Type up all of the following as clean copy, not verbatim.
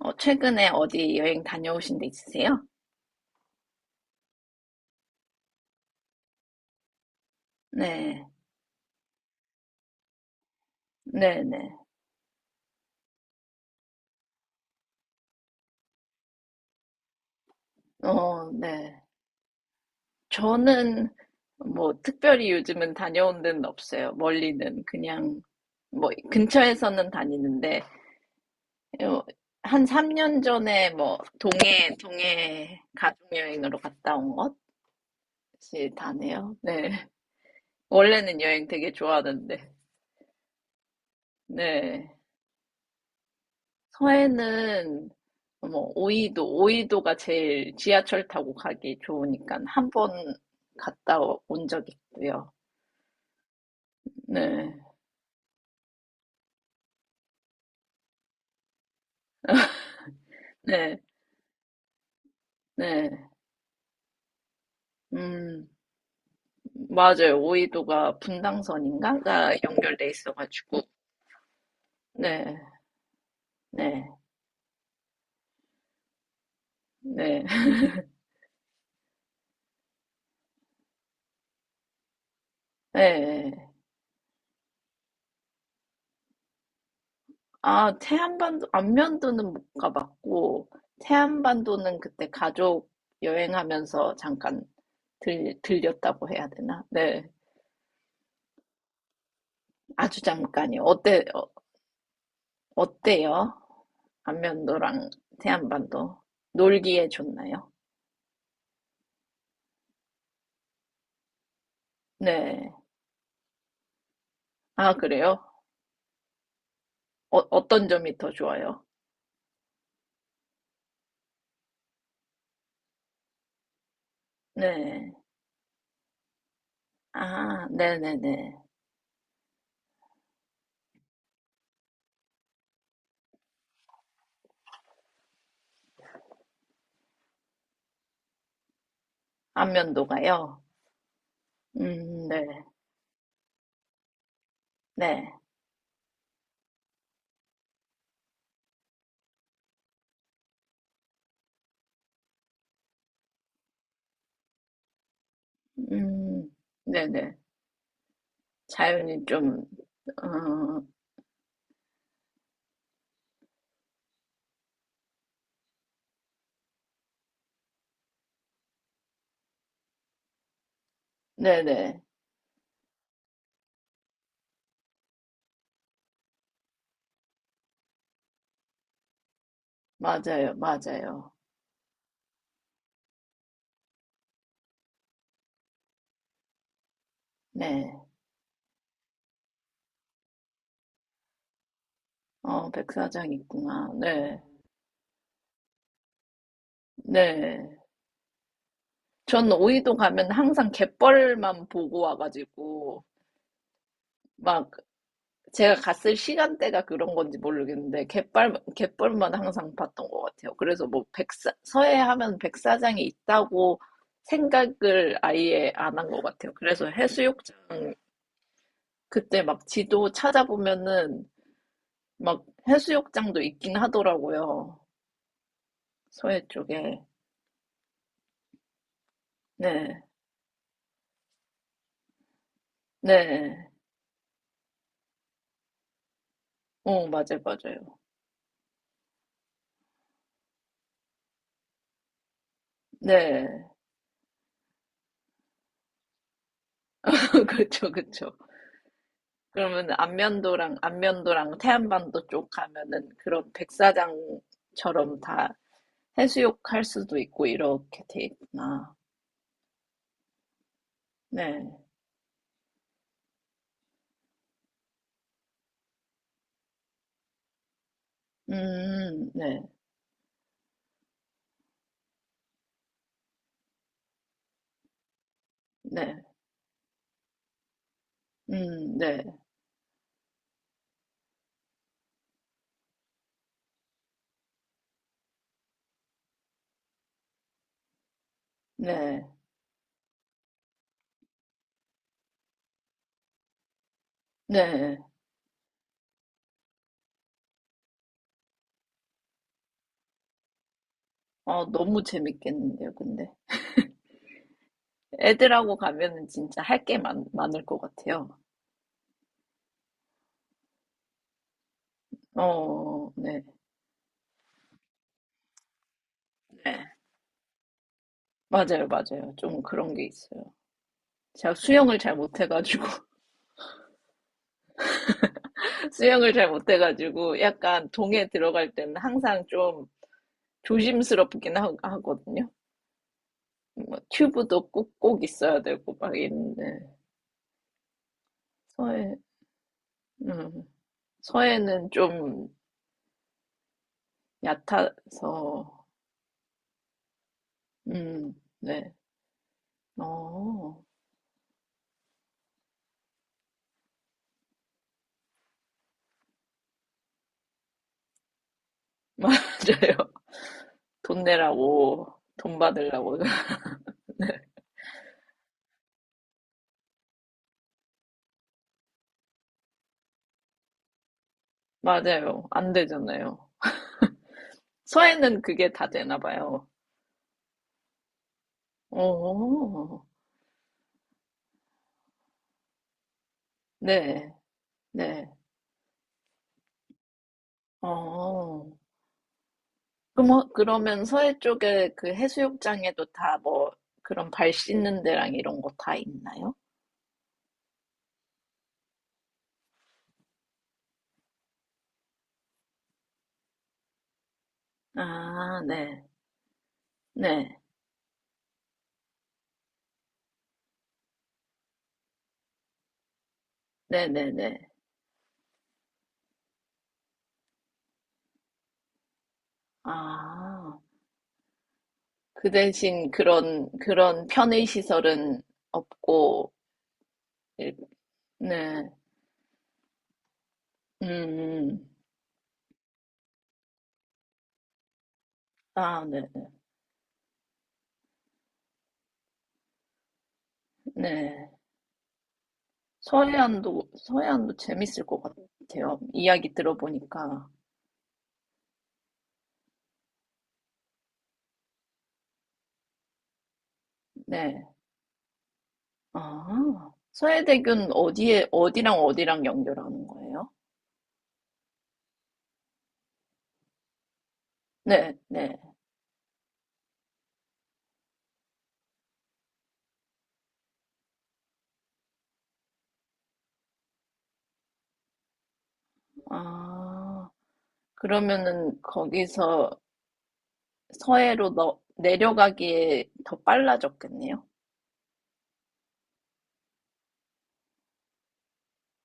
최근에 어디 여행 다녀오신 데 있으세요? 네, 네네. 네. 저는 뭐 특별히 요즘은 다녀온 데는 없어요. 멀리는 그냥 뭐 근처에서는 다니는데 어, 한 3년 전에 뭐 동해 가족 여행으로 갔다 온 것이 다네요. 네. 원래는 여행 되게 좋아하는데. 네. 서해는 뭐 오이도가 제일 지하철 타고 가기 좋으니까 한 번 갔다 온 적 있고요. 네, 네, 네. 음, 맞아요. 오이도가 분당선인가? 가 연결돼 있어가지고. 네, 네, 네, 네. 아, 태안반도, 안면도는 못 가봤고, 태안반도는 그때 가족 여행하면서 잠깐 들렸다고 해야 되나? 네, 아주 잠깐이요. 어때요? 안면도랑 태안반도 놀기에 좋나요? 네. 아, 그래요? 어떤 점이 더 좋아요? 네. 아, 네네네. 안면도가요? 네. 네. 음, 네네. 자연이 좀, 어, 네네. 맞아요, 맞아요. 네. 백사장 있구나. 네. 네. 전 오이도 가면 항상 갯벌만 보고 와가지고, 막, 제가 갔을 시간대가 그런 건지 모르겠는데, 갯벌만 항상 봤던 것 같아요. 그래서 뭐, 서해 하면 백사장이 있다고 생각을 아예 안 한 것 같아요. 그래서 해수욕장, 그때 막 지도 찾아보면은, 막 해수욕장도 있긴 하더라고요. 서해 쪽에. 네. 네. 맞아요, 맞아요. 네. 그쵸, 그쵸. 그러면 안면도랑 태안반도 쪽 가면은 그런 백사장처럼 다 해수욕 할 수도 있고 이렇게 돼 있구나. 네. 네. 네. 네. 네. 네. 너무 재밌겠는데요, 근데. 애들하고 가면은 진짜 할 게 많을 것 같아요. 네. 네. 맞아요, 맞아요. 좀 그런 게 있어요. 제가 수영을 잘 못해가지고 약간 동해 들어갈 때는 항상 좀 조심스럽긴 하, 거든요뭐 튜브도 꼭, 꼭 있어야 되고 막 있는데 서해, 음, 서해는 좀 얕아서, 음, 네, 어, 맞아요. 돈 내라고, 돈 받으려고. 맞아요. 안 되잖아요. 서해는 그게 다 되나 봐요. 어, 네, 네, 어. 그러면 서해 쪽에 그 해수욕장에도 다 뭐 그런 발 씻는 데랑 이런 거 다 있나요? 아, 네. 네. 네네네. 아, 그 대신 그런 편의 시설은 없고, 일- 네. 음, 음. 아, 네. 네. 네. 서해안도 재밌을 것 같아요. 이야기 들어보니까. 네. 아, 서해대교는 어디랑 어디랑 연결하는 거예요? 네, 네. 아, 그러면은 거기서 서해로 내려가기에 더 빨라졌겠네요.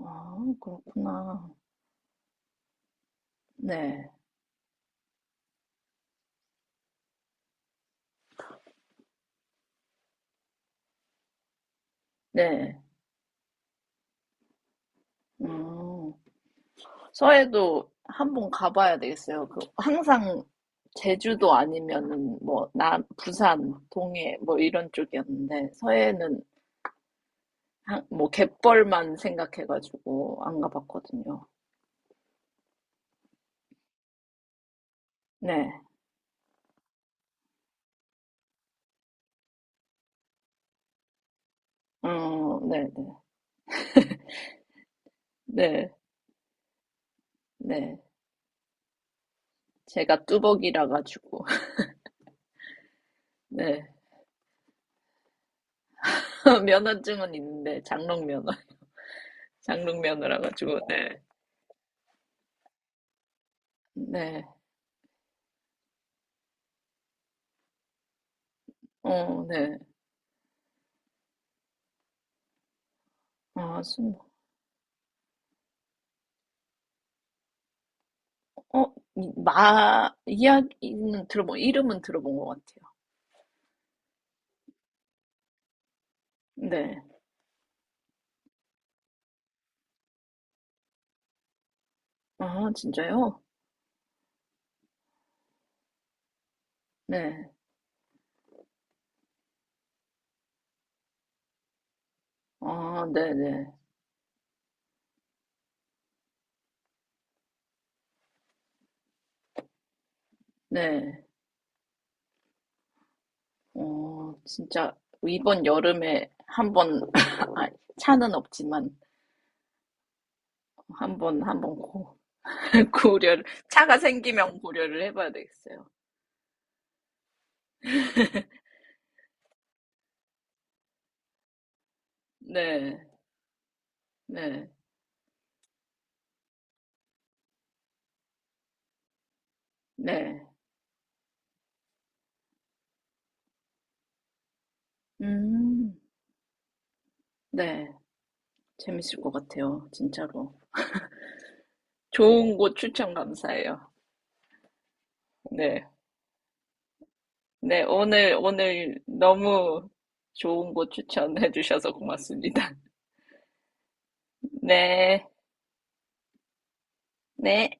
아, 그렇구나. 네, 네. 음, 서해도 한번 가봐야 되겠어요. 항상 제주도 아니면은 뭐, 부산, 동해 뭐 이런 쪽이었는데, 서해는 갯벌만 생각해가지고 안 가봤거든요. 네, 네, 네, 네, 네. 제가 뚜벅이라 가지고 네 면허증은 있는데 장롱 면허 장롱 면허라 가지고 네네어네아순어마 이야기는 들어본 이름은 들어본 것 같아요 네아 진짜요 네아 네네 네어 진짜 이번 여름에 한번 아, 차는 없지만 한번 한번 고 고려를 차가 생기면 고려를 해봐야 되겠어요 네 네. 네. 음. 네. 재밌을 것 같아요. 진짜로. 좋은 곳 추천 감사해요. 네. 네. 오늘 너무 좋은 곳 추천해 주셔서 고맙습니다. 네. 네.